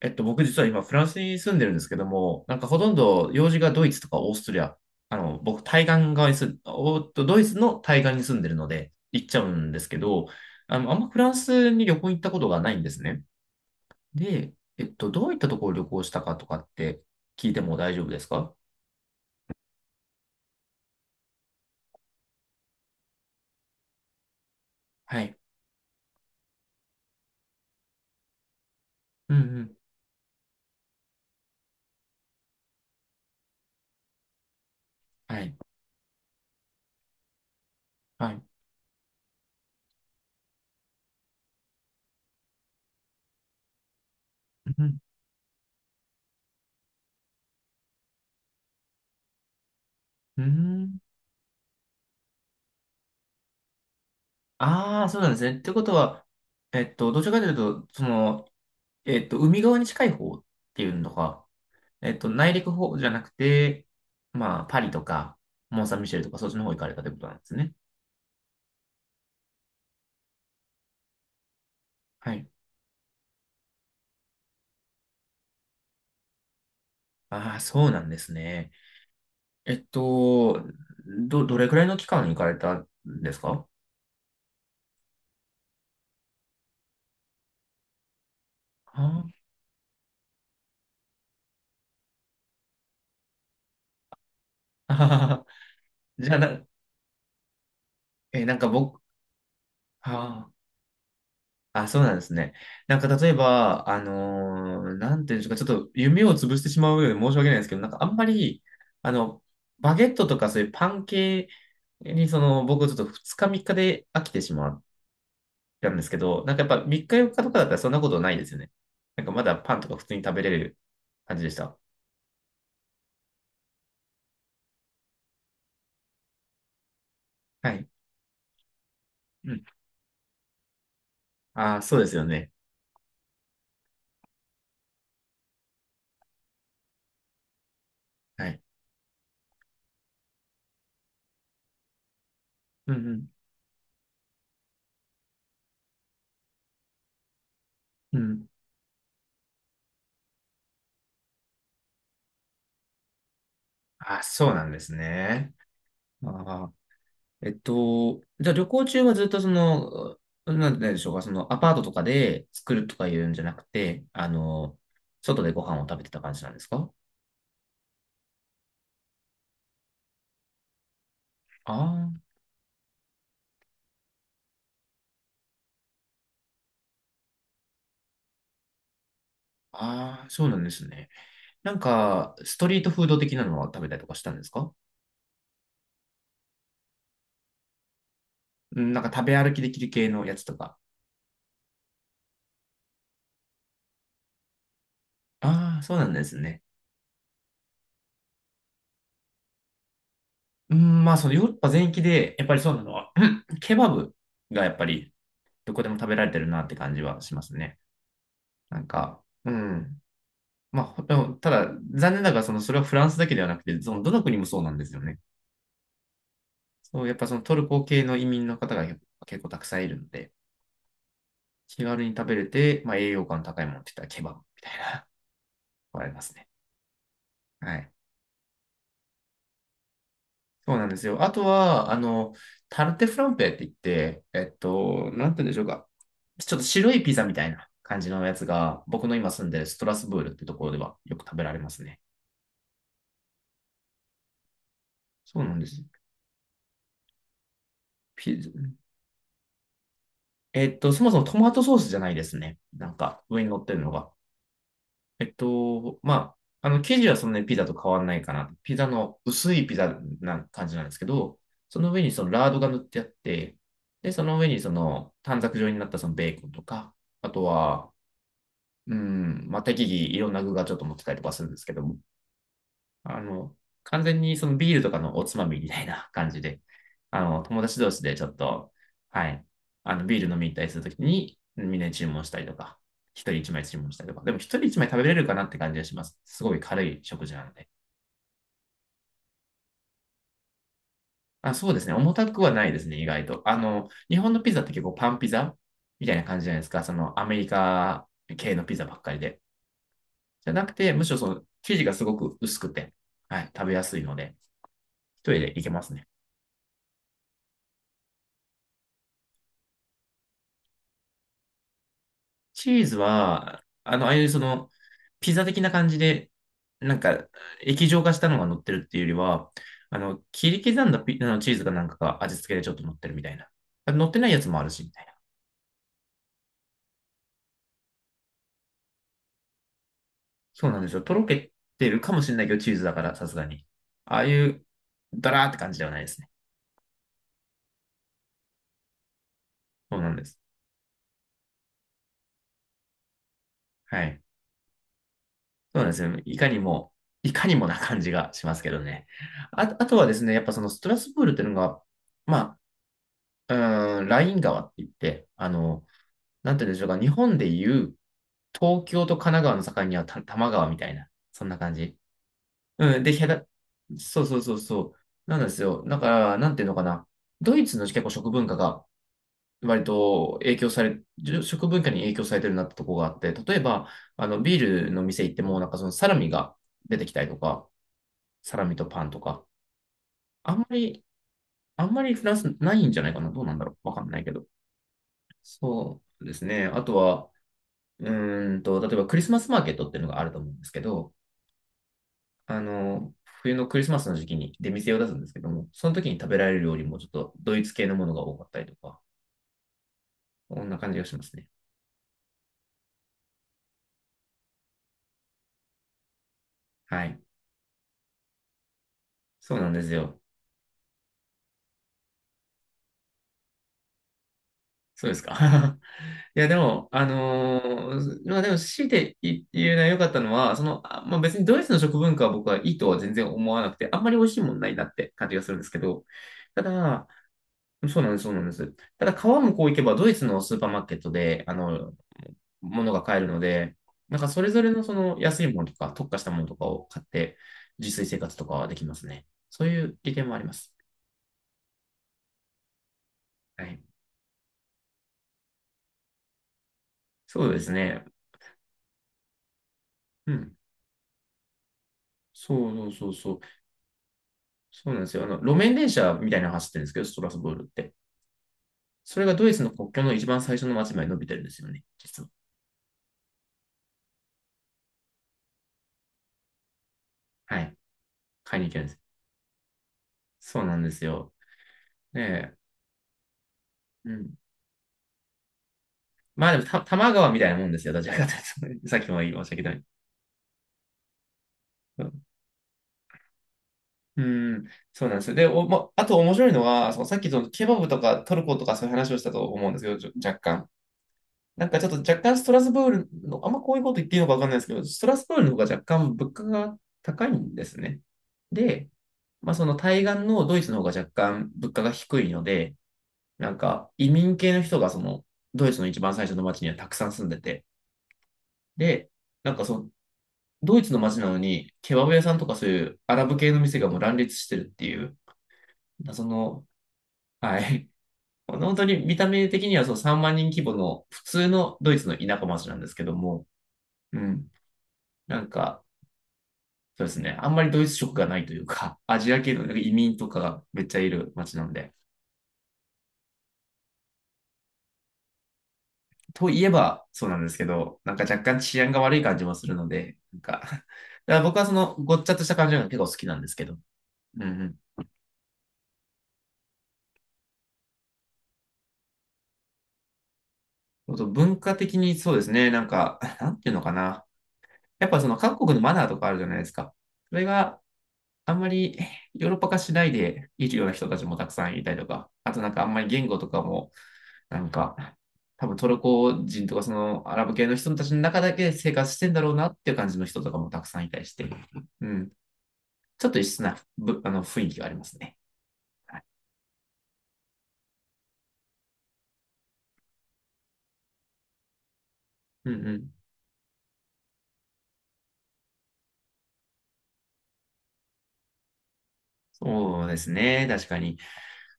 僕実は今フランスに住んでるんですけども、なんかほとんど用事がドイツとかオーストリア、あの、僕対岸側に住ん、おっと、ドイツの対岸に住んでるので行っちゃうんですけど、あんまフランスに旅行行ったことがないんですね。で、どういったところを旅行したかとかって聞いても大丈夫ですか？はい。うんうん。はい。はい。うん。うん。ああ、そうなんですね。ってことは、どちらかというと、海側に近い方っていうのが、内陸方じゃなくて、まあ、パリとか、モン・サン・ミシェルとか、そっちの方行かれたってことなんですね。はい。ああ、そうなんですね。えっと、どれくらいの期間行かれたんですか？ああ、あー じゃあな、なんか僕、あーあ、そうなんですね。なんか例えば、なんていうんでしょうか、ちょっと夢を潰してしまうようで申し訳ないんですけど、なんかあんまり、あの、バゲットとかそういうパン系に、僕ちょっと2日3日で飽きてしまっなんですけど、なんかやっぱ3日4日とかだったらそんなことないですよね。なんかまだパンとか普通に食べれる感じでした。はい。うん。ああ、そうですよね。はい。うんうん。うん。ああ、そうなんですね。ああ。じゃあ旅行中はずっとなんでしょうか、そのアパートとかで作るとかいうんじゃなくて、外でご飯を食べてた感じなんですか？ああ、ああ、そうなんですね。なんか、ストリートフード的なのは食べたりとかしたんですか？うん、なんか食べ歩きできる系のやつとか。ああ、そうなんですね。うん、まあ、そのヨーロッパ全域で、やっぱりそうなのは、うん、ケバブがやっぱりどこでも食べられてるなって感じはしますね。なんか、うん。まあ、ほでもただ、残念ながら、その、それはフランスだけではなくて、その、どの国もそうなんですよね。そう、やっぱそのトルコ系の移民の方が結構たくさんいるので、気軽に食べれて、まあ、栄養価の高いものって言ったらケバブみたいな、これありますね。はい。そうなんですよ。あとは、タルテフランペって言って、なんて言うんでしょうか。ちょっと白いピザみたいな感じのやつが、僕の今住んでるストラスブールってところではよく食べられますね。そうなんです。ピザ。そもそもトマトソースじゃないですね。なんか、上に乗ってるのが。まあ、生地はそんなにピザと変わんないかな。ピザの薄いピザな感じなんですけど、その上にそのラードが塗ってあって、で、その上にその短冊状になったそのベーコンとか、あとは、うん、まあ、適宜いろんな具がちょっと持ってたりとかするんですけども、あの、完全にそのビールとかのおつまみみたいな感じで、友達同士でちょっと、はい、ビール飲み行ったりするときに、みんなに注文したりとか、一人一枚注文したりとか、でも一人一枚食べれるかなって感じがします。すごい軽い食事なので。あ、そうですね。重たくはないですね、意外と。日本のピザって結構パンピザみたいな感じじゃないですか。そのアメリカ系のピザばっかりで。じゃなくて、むしろその生地がすごく薄くて、はい、食べやすいので、一人でいけますね。チーズは、ああいうその、ピザ的な感じで、なんか、液状化したのが乗ってるっていうよりは、切り刻んだピあのチーズがなんかが味付けでちょっと乗ってるみたいな。乗ってないやつもあるし、みたいな。そうなんですよ。とろけてるかもしれないけど、チーズだから、さすがに。ああいう、ダラーって感じではないですね。そうなんです。はい。そうなんですよ。いかにも、いかにもな感じがしますけどね。あ、あとはですね、やっぱそのストラスブールっていうのが、まあ、ライン川って言って、なんて言うんでしょうか、日本でいう東京と神奈川の境には多摩川みたいな、そんな感じ。うん、で、そうそうそうそう。なんですよ。だから、なんていうのかな。ドイツの結構食文化が割と影響され、食文化に影響されてるなってとこがあって、例えば、ビールの店行っても、なんかそのサラミが出てきたりとか、サラミとパンとか。あんまり、あんまりフランスないんじゃないかな。どうなんだろう。わかんないけど。そうですね。あとは、例えばクリスマスマーケットっていうのがあると思うんですけど、あの、冬のクリスマスの時期に出店を出すんですけども、その時に食べられる料理もちょっとドイツ系のものが多かったりとか、こんな感じがしますね。はい。そうなんですよ。そうですか。いや、でも、まあでも、強いて言うのは良かったのは、まあ別にドイツの食文化は僕はいいとは全然思わなくて、あんまり美味しいもんないなって感じがするんですけど、ただ、そうなんです、そうなんです。ただ、川向こう行けばドイツのスーパーマーケットで、物が買えるので、なんかそれぞれのその安いものとか、特化したものとかを買って、自炊生活とかはできますね。そういう利点もあります。はい。そうですね。うん。そうそうそうそう。そうなんですよ。路面電車みたいなの走ってるんですけど、ストラスブールって。それがドイツの国境の一番最初の街まで伸びてるんですよね、実は。はい。買いに行けるんです。そうなんですよ。ねえ。うん。まあでも多摩川みたいなもんですよ、どちらかというと。さっきも言いましたけど。うん、うん、そうなんですよ。で、まあと面白いのは、そのさっきそのケバブとかトルコとかそういう話をしたと思うんですけど、若干。なんかちょっと若干ストラスブールの、あんまこういうこと言っていいのかわかんないですけど、ストラスブールの方が若干物価が高いんですね。で、まあその対岸のドイツの方が若干物価が低いので、なんか移民系の人がそのドイツの一番最初の町にはたくさん住んでて、で、なんかそのドイツの町なのにケバブ屋さんとかそういうアラブ系の店がもう乱立してるっていう、その、はい。本当に見た目的にはその3万人規模の普通のドイツの田舎町なんですけども、うん。なんか、そうですね。あんまりドイツ色がないというか、アジア系のなんか移民とかがめっちゃいる街なんで。といえばそうなんですけど、なんか若干治安が悪い感じもするので、なんか だから僕はそのごっちゃっとした感じが結構好きなんですけど。うんうん。あと文化的にそうですね。なんか、なんていうのかな。やっぱその各国のマナーとかあるじゃないですか。それがあんまりヨーロッパ化しないでいるような人たちもたくさんいたりとか、あとなんかあんまり言語とかもなんか、多分トルコ人とかそのアラブ系の人たちの中だけ生活してんだろうなっていう感じの人とかもたくさんいたりして、うん。ちょっと異質なぶあの雰囲気がありますね。うんうん。そうですね。確かに。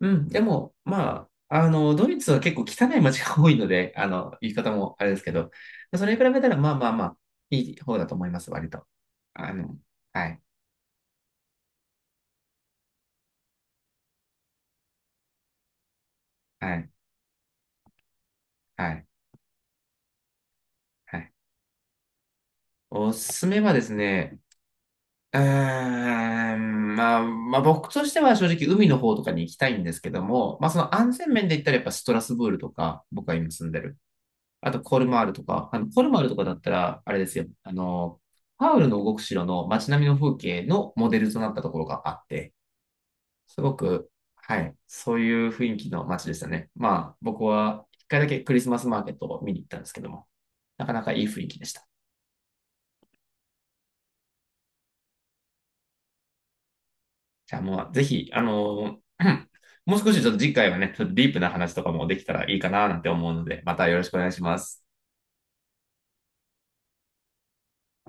うん。でも、まあ、ドイツは結構汚い街が多いので、言い方もあれですけど、それに比べたら、まあまあまあ、いい方だと思います、割と。あの、はい、はい、はい、はい。おすすめはですね、まあ、まあ僕としては正直海の方とかに行きたいんですけども、まあその安全面で言ったらやっぱストラスブールとか、僕が今住んでる。あとコルマールとか、あのコルマールとかだったら、あれですよ、パウルの動く城の街並みの風景のモデルとなったところがあって、すごく、はい、そういう雰囲気の街でしたね。まあ僕は一回だけクリスマスマーケットを見に行ったんですけども、なかなかいい雰囲気でした。じゃあもう、ぜひ、もう少しちょっと次回はね、ちょっとディープな話とかもできたらいいかななんて思うので、またよろしくお願いします。